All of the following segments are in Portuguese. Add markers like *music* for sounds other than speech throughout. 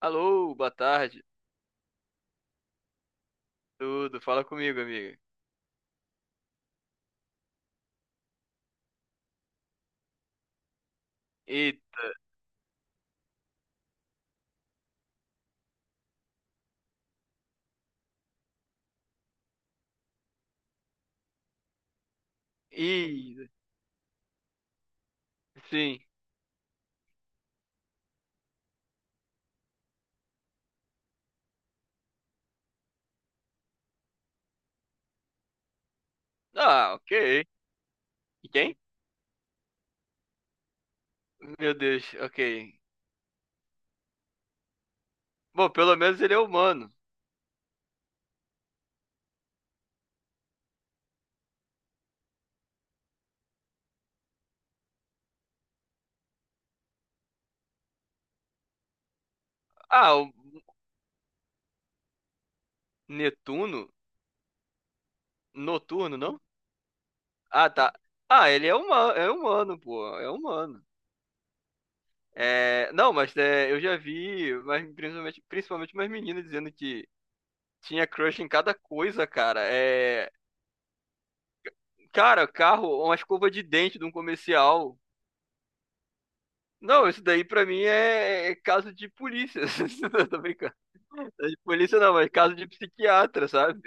Alô, boa tarde. Tudo, fala comigo, amiga. Eita, e sim. Ah, ok. E quem? Meu Deus, ok. Bom, pelo menos ele é humano. Ah, o Netuno? Noturno, não? Ah, tá. Ah, ele é humano, pô, é humano. Não, mas, eu já vi, mas principalmente, principalmente umas meninas dizendo que tinha crush em cada coisa, cara. É, cara, carro, uma escova de dente de um comercial. Não, isso daí pra mim é caso de polícia. *laughs* Eu tô brincando. De polícia não, mas caso de psiquiatra, sabe?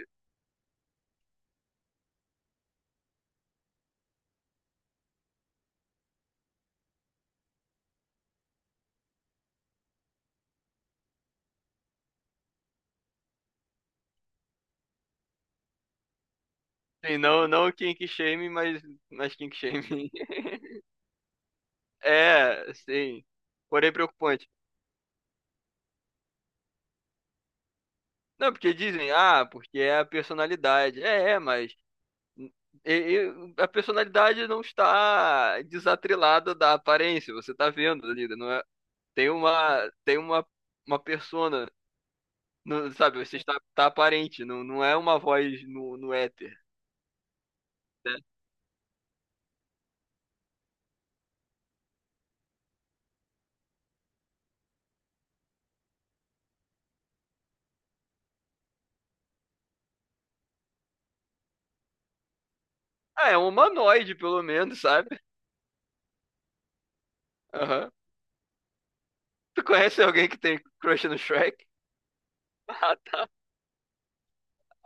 Sim, não, não kink shame, mas kink shame. *laughs* É, sim. Porém preocupante. Não, porque dizem, ah, porque é a personalidade. É, é, mas a personalidade não está desatrelada da aparência. Você tá vendo ali, né? não é? Tem uma, uma persona. Não, sabe, você está tá aparente, não, não é uma voz no éter, né? Ah, é um humanoide, pelo menos, sabe? Aham. Tu conhece alguém que tem crush no Shrek? *laughs* Ah, tá.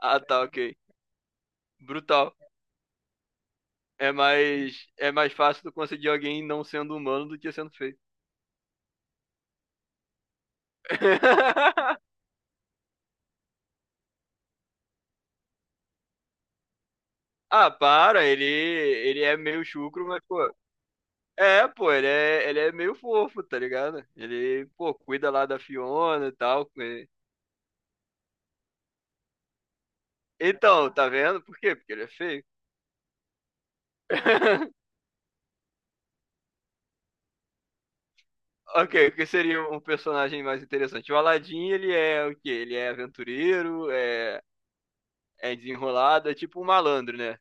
Ah, tá, ok. Brutal. É mais fácil tu conseguir alguém não sendo humano do que sendo feio. *laughs* Ah, para, ele é meio chucro, mas, pô. É, pô, ele é meio fofo, tá ligado? Ele, pô, cuida lá da Fiona e tal. Ele- Então, tá vendo? Por quê? Porque ele é feio. *laughs* Ok, o que seria um personagem mais interessante? O Aladdin, ele é o quê? Ele é aventureiro, é, é desenrolado, é tipo um malandro, né?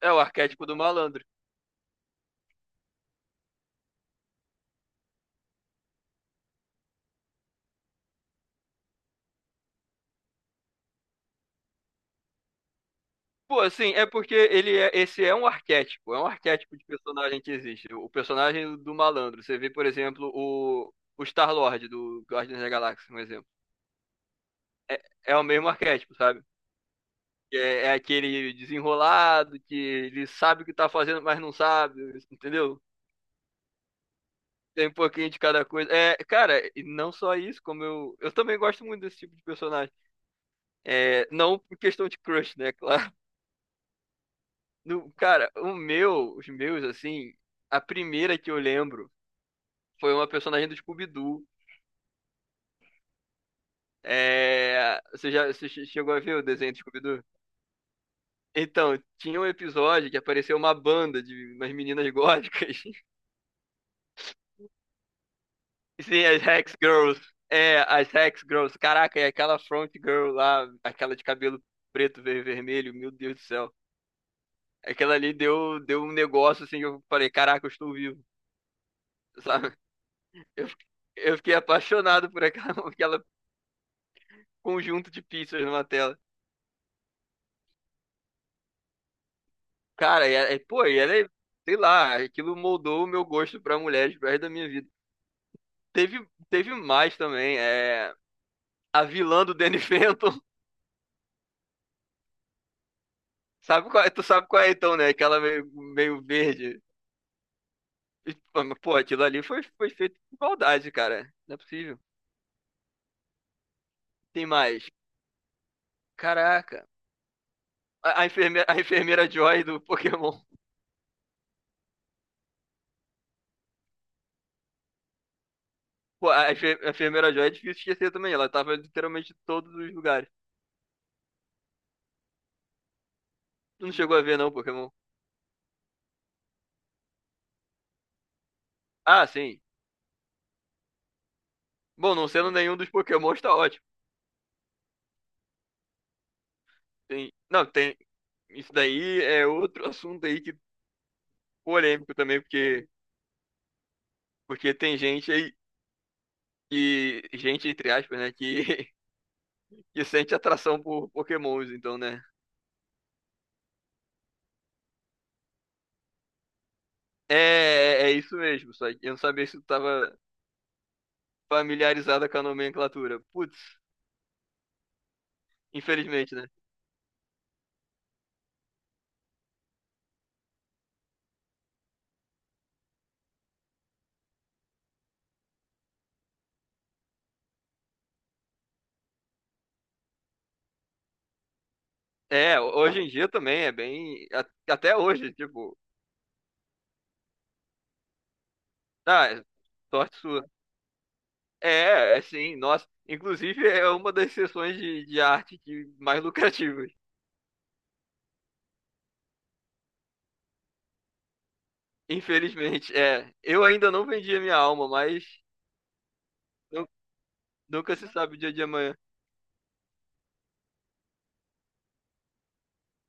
É o arquétipo do malandro. Pô, assim, é porque ele é, esse é um arquétipo de personagem que existe. O personagem do malandro. Você vê, por exemplo, o Star-Lord do Guardiões da Galáxia, um exemplo. É, é o mesmo arquétipo, sabe? É, é aquele desenrolado que ele sabe o que tá fazendo, mas não sabe, entendeu? Tem um pouquinho de cada coisa. É, cara, e não só isso, como eu. Eu também gosto muito desse tipo de personagem. É, não por questão de crush, né? *laughs* Claro. No, cara, o meu, os meus, assim, a primeira que eu lembro foi uma personagem do Scooby-Doo. É, você já você che- chegou a ver o desenho do Scooby-Doo? Então, tinha um episódio que apareceu uma banda de umas meninas góticas. *laughs* Sim, as Hex Girls. É, as Hex Girls. Caraca, e aquela front girl lá, aquela de cabelo preto, vermelho, meu Deus do céu. Aquela ali deu, deu um negócio assim que eu falei, caraca, eu estou vivo, *laughs* sabe? Eu, eu fiquei apaixonado por aquela, *laughs* aquela conjunto de pizzas numa tela. Cara, e, é, pô, e ela, é- sei lá, aquilo moldou o meu gosto pra mulheres pro resto da minha vida. Teve, teve mais também, é, a vilã do Danny Phantom, *laughs* sabe qual, tu sabe qual é então, né? Aquela meio, meio verde. E, pô, mas, pô, aquilo ali foi, foi feito de maldade, cara. Não é possível. Tem mais. Caraca. A enfermeira Joy do Pokémon. Pô, a enfermeira Joy é difícil esquecer também. Ela tava literalmente em todos os lugares. Tu não chegou a ver, não, Pokémon? Ah, sim. Bom, não sendo nenhum dos Pokémons, tá ótimo. Tem... Não, tem. Isso daí é outro *laughs* assunto aí que polêmico também, porque, porque tem gente aí que. Gente, entre aspas, né? Que, *laughs* que sente atração por Pokémons, então, né? É, é isso mesmo. Só que eu não sabia se tu tava familiarizada com a nomenclatura. Putz, infelizmente, né? É, hoje em dia também é bem. Até hoje, tipo. Ah, é sorte sua. É, é sim, nossa. Inclusive, é uma das seções de arte que mais lucrativas. Infelizmente, é. Eu ainda não vendi a minha alma, mas nu- nunca se sabe o dia de amanhã.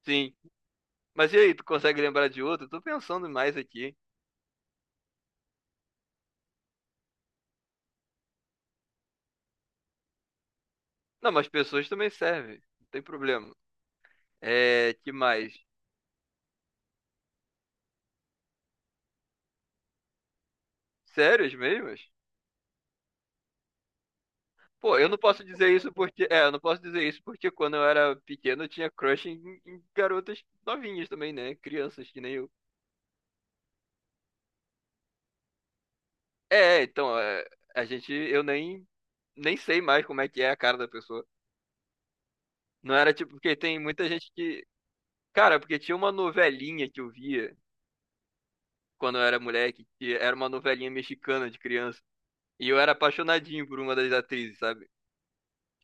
Sim. Mas e aí, tu consegue lembrar de outro? Tô pensando mais aqui. Não, mas pessoas também servem. Não tem problema. É, que mais? Sérias mesmo? Pô, eu não posso dizer isso porque. É, eu não posso dizer isso porque quando eu era pequeno eu tinha crush em, em garotas novinhas também, né? Crianças que nem eu. É, é, então, é, a gente. Eu nem. Nem sei mais como é que é a cara da pessoa. Não era tipo. Porque tem muita gente que. Cara, porque tinha uma novelinha que eu via quando eu era moleque, que era uma novelinha mexicana de criança. E eu era apaixonadinho por uma das atrizes, sabe?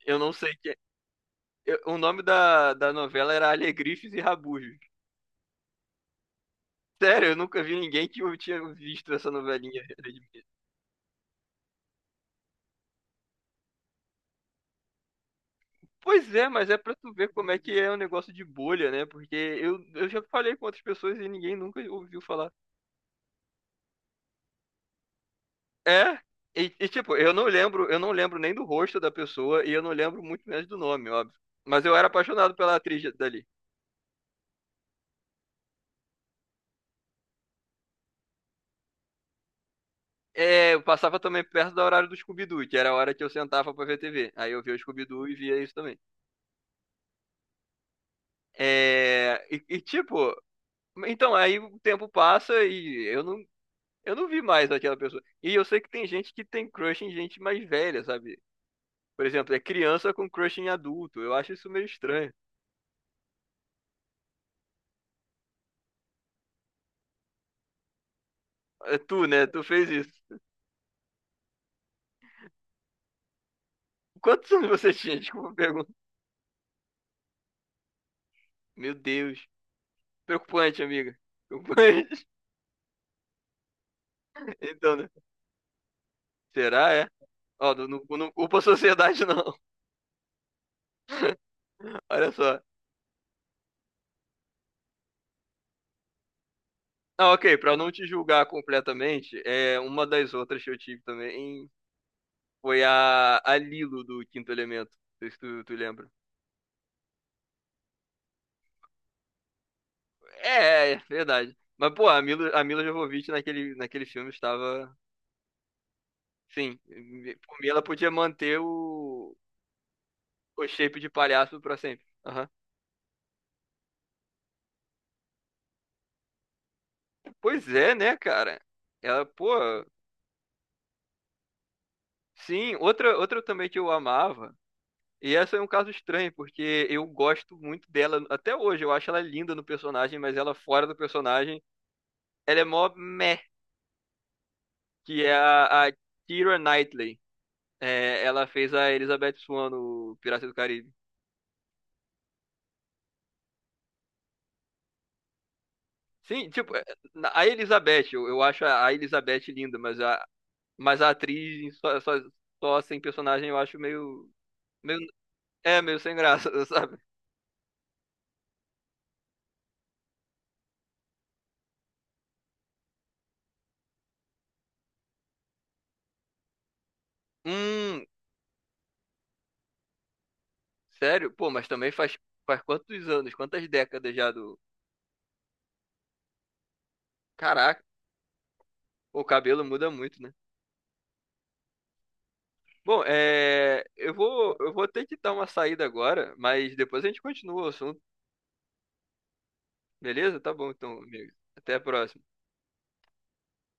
Eu não sei que. O nome da novela era Alegrifes e Rabujos. Sério, eu nunca vi ninguém que eu tinha visto essa novelinha. Pois é, mas é pra tu ver como é que é um negócio de bolha, né? Porque eu já falei com outras pessoas e ninguém nunca ouviu falar. É, e, tipo, eu não lembro nem do rosto da pessoa e eu não lembro muito menos do nome, óbvio. Mas eu era apaixonado pela atriz dali. É, eu passava também perto do horário do Scooby-Doo, que era a hora que eu sentava pra ver TV. Aí eu via o Scooby-Doo e via isso também. É, e, tipo, então aí o tempo passa e eu não, eu não vi mais aquela pessoa. E eu sei que tem gente que tem crush em gente mais velha, sabe? Por exemplo, é criança com crush em adulto. Eu acho isso meio estranho. É tu, né? Tu fez isso. Quantos anos você tinha? Desculpa a pergunta. Meu Deus. Preocupante, amiga. Preocupante. *laughs* Então, né? Será, é? Ó, não, não, não culpa a sociedade, não. *laughs* Olha só. Ah, ok. Pra não te julgar completamente, é uma das outras que eu tive também foi a Lilo do Quinto Elemento. Não sei se tu, tu lembra. É, é verdade. Mas, pô, a Mila Jovovich naquele, naquele filme estava. Sim, por mim ela podia manter o shape de palhaço pra sempre. Aham. Pois é, né, cara? Ela, pô. Sim, outra, outra também que eu amava. E essa é um caso estranho, porque eu gosto muito dela até hoje. Eu acho ela linda no personagem, mas ela fora do personagem, ela é mó meh, que é a Keira Knightley. É, ela fez a Elizabeth Swan no Pirata do Caribe. Sim, tipo, é, a Elizabeth, eu acho a Elizabeth linda, mas a atriz só, só, só sem personagem eu acho meio, meio. É, meio sem graça, *laughs* sabe? Hum, sério? Pô, mas também faz, faz quantos anos, quantas décadas já do. Caraca, o cabelo muda muito, né? Bom, é, eu vou ter que dar uma saída agora, mas depois a gente continua o assunto, beleza? Tá bom, então, amigo. Até a próxima.